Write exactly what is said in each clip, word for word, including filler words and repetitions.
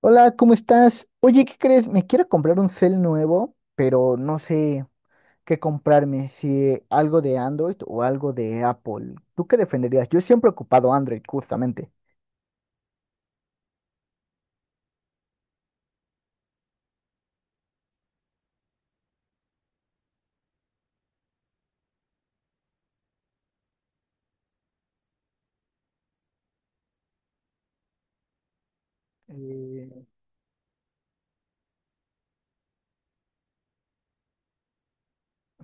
Hola, ¿cómo estás? Oye, ¿qué crees? Me quiero comprar un cel nuevo, pero no sé qué comprarme, si algo de Android o algo de Apple. ¿Tú qué defenderías? Yo siempre he ocupado Android, justamente. Eh,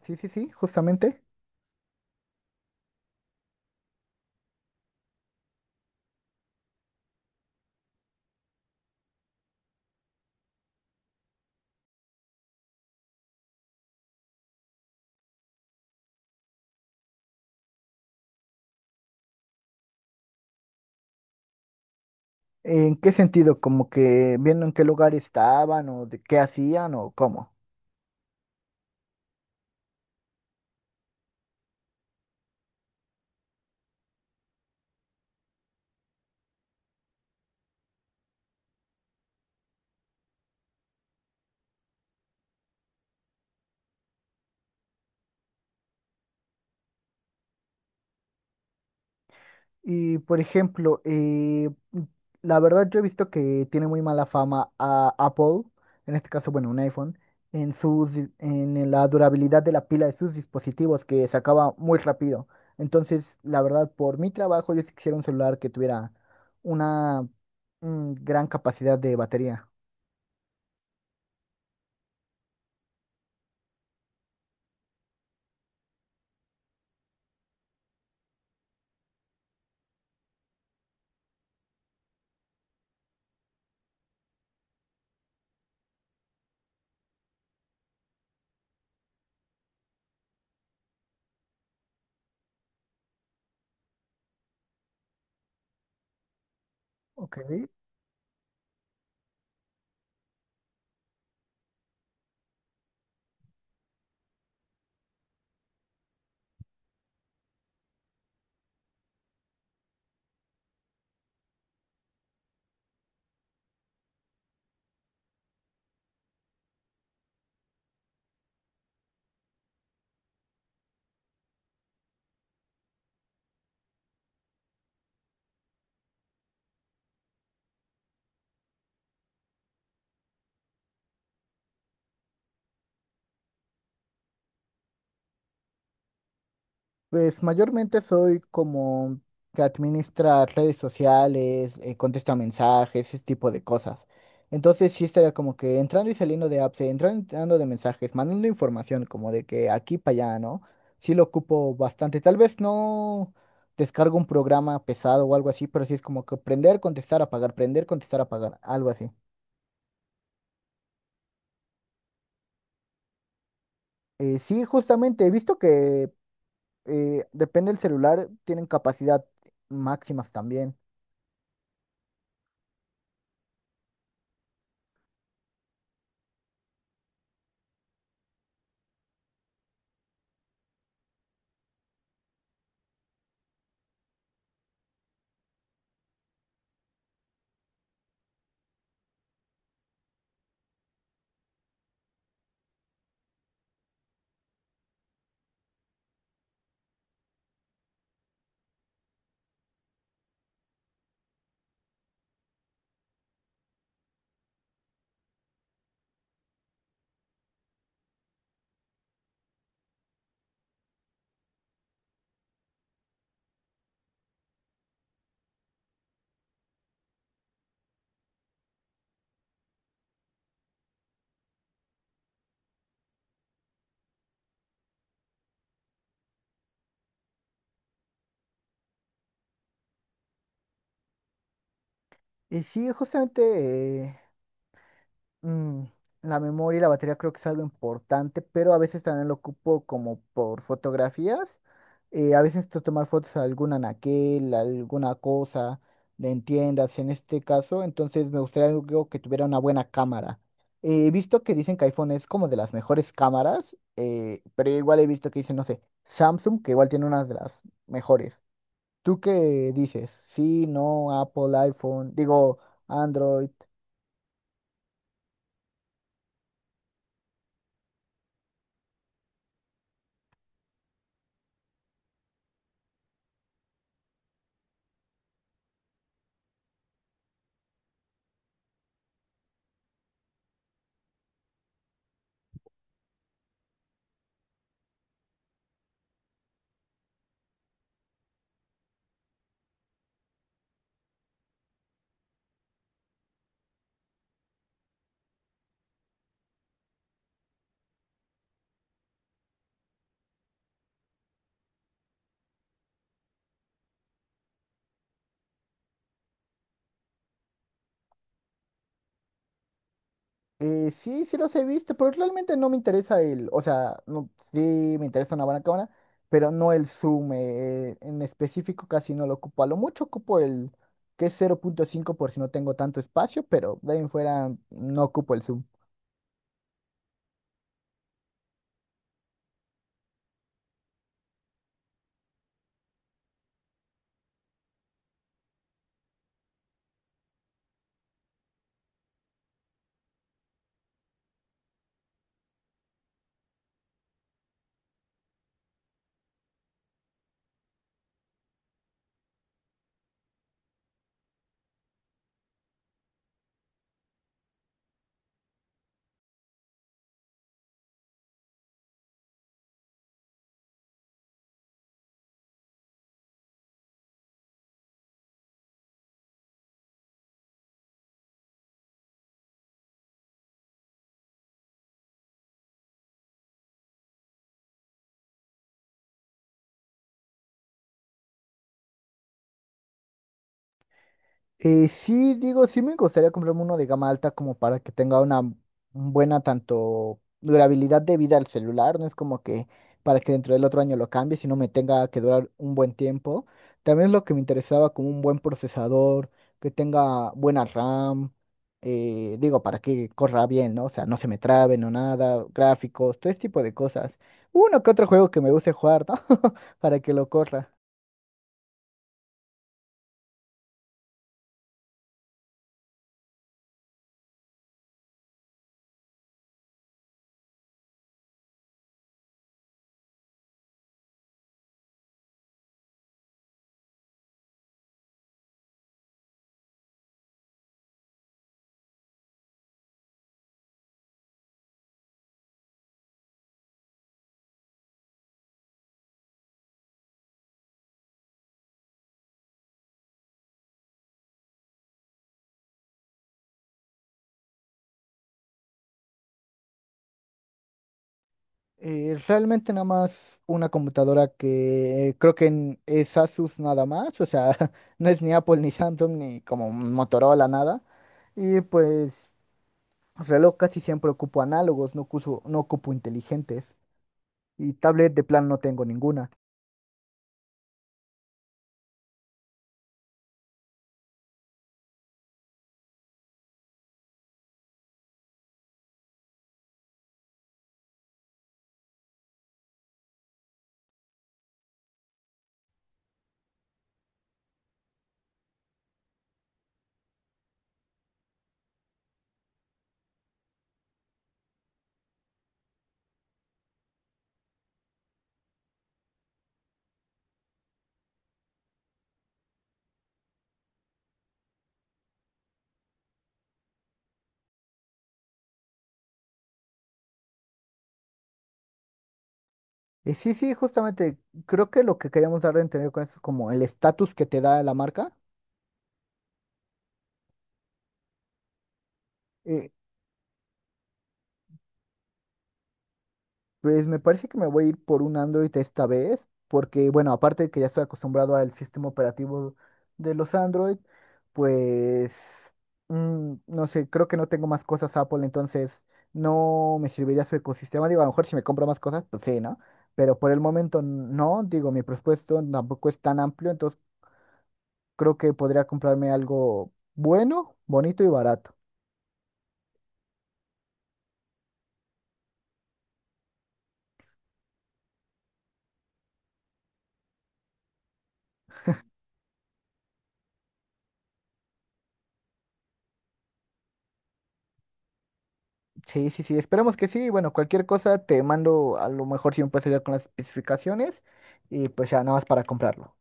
sí, sí, sí, justamente. ¿En qué sentido? ¿Como que viendo en qué lugar estaban o de qué hacían o cómo? Y por ejemplo, eh, la verdad yo he visto que tiene muy mala fama a Apple, en este caso, bueno, un iPhone, en sus, di- en la durabilidad de la pila de sus dispositivos que se acaba muy rápido. Entonces, la verdad, por mi trabajo, yo sí quisiera un celular que tuviera una mm, gran capacidad de batería. Ok. Pues mayormente soy como que administra redes sociales, eh, contesta mensajes, ese tipo de cosas. Entonces sí estaría como que entrando y saliendo de apps, eh, entrando y saliendo de mensajes, mandando información como de que aquí para allá, ¿no? Sí lo ocupo bastante. Tal vez no descargo un programa pesado o algo así, pero sí es como que prender, contestar, apagar, prender, contestar, apagar, algo así. Eh, sí, justamente he visto que eh, depende del celular, tienen capacidad máximas también. Y sí, justamente eh, mm, la memoria y la batería creo que es algo importante, pero a veces también lo ocupo como por fotografías. Eh, a veces to- tomar fotos a algún anaquel, a alguna cosa, de en tiendas en este caso, entonces me gustaría algo que tuviera una buena cámara. Eh, He visto que dicen que iPhone es como de las mejores cámaras, eh, pero igual he visto que dicen, no sé, Samsung, que igual tiene una de las mejores. ¿Tú qué dices? Sí, no, Apple, iPhone, digo... Android. Eh, sí, sí los he visto, pero realmente no me interesa el, o sea, no, sí me interesa una buena cámara, pero no el zoom, eh, en específico casi no lo ocupo, a lo mucho ocupo el que es cero punto cinco por si no tengo tanto espacio, pero de ahí en fuera no ocupo el zoom. Eh, sí, digo, sí me gustaría comprarme uno de gama alta como para que tenga una buena tanto durabilidad de vida al celular, no es como que para que dentro del otro año lo cambie, sino me tenga que durar un buen tiempo. También lo que me interesaba como un buen procesador, que tenga buena RAM, eh, digo, para que corra bien, ¿no? O sea, no se me trabe, no nada, gráficos, todo ese tipo de cosas. Uno que otro juego que me guste jugar, ¿no? Para que lo corra. Eh, realmente nada más una computadora que creo que en- es Asus nada más, o sea, no es ni Apple ni Samsung ni como Motorola nada. Y pues reloj casi siempre ocupo análogos, no ocuso- no ocupo inteligentes. Y tablet de plan no tengo ninguna. Eh, sí, sí, justamente creo que lo que queríamos dar a entender con eso es como el estatus que te da la marca. eh, Pues me parece que me voy a ir por un Android esta vez, porque bueno, aparte de que ya estoy acostumbrado al sistema operativo de los Android, pues mm, no sé, creo que no tengo más cosas Apple, entonces no me serviría su ecosistema. Digo, a lo mejor si me compro más cosas, pues sí, ¿no? Pero por el momento no, digo, mi presupuesto tampoco es tan amplio, entonces creo que podría comprarme algo bueno, bonito y barato. Sí, sí, sí, esperemos que sí. Bueno, cualquier cosa te mando, a lo mejor si me puedes ayudar con las especificaciones y pues ya nada más para comprarlo.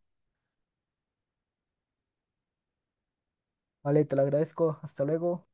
Vale, te lo agradezco. Hasta luego.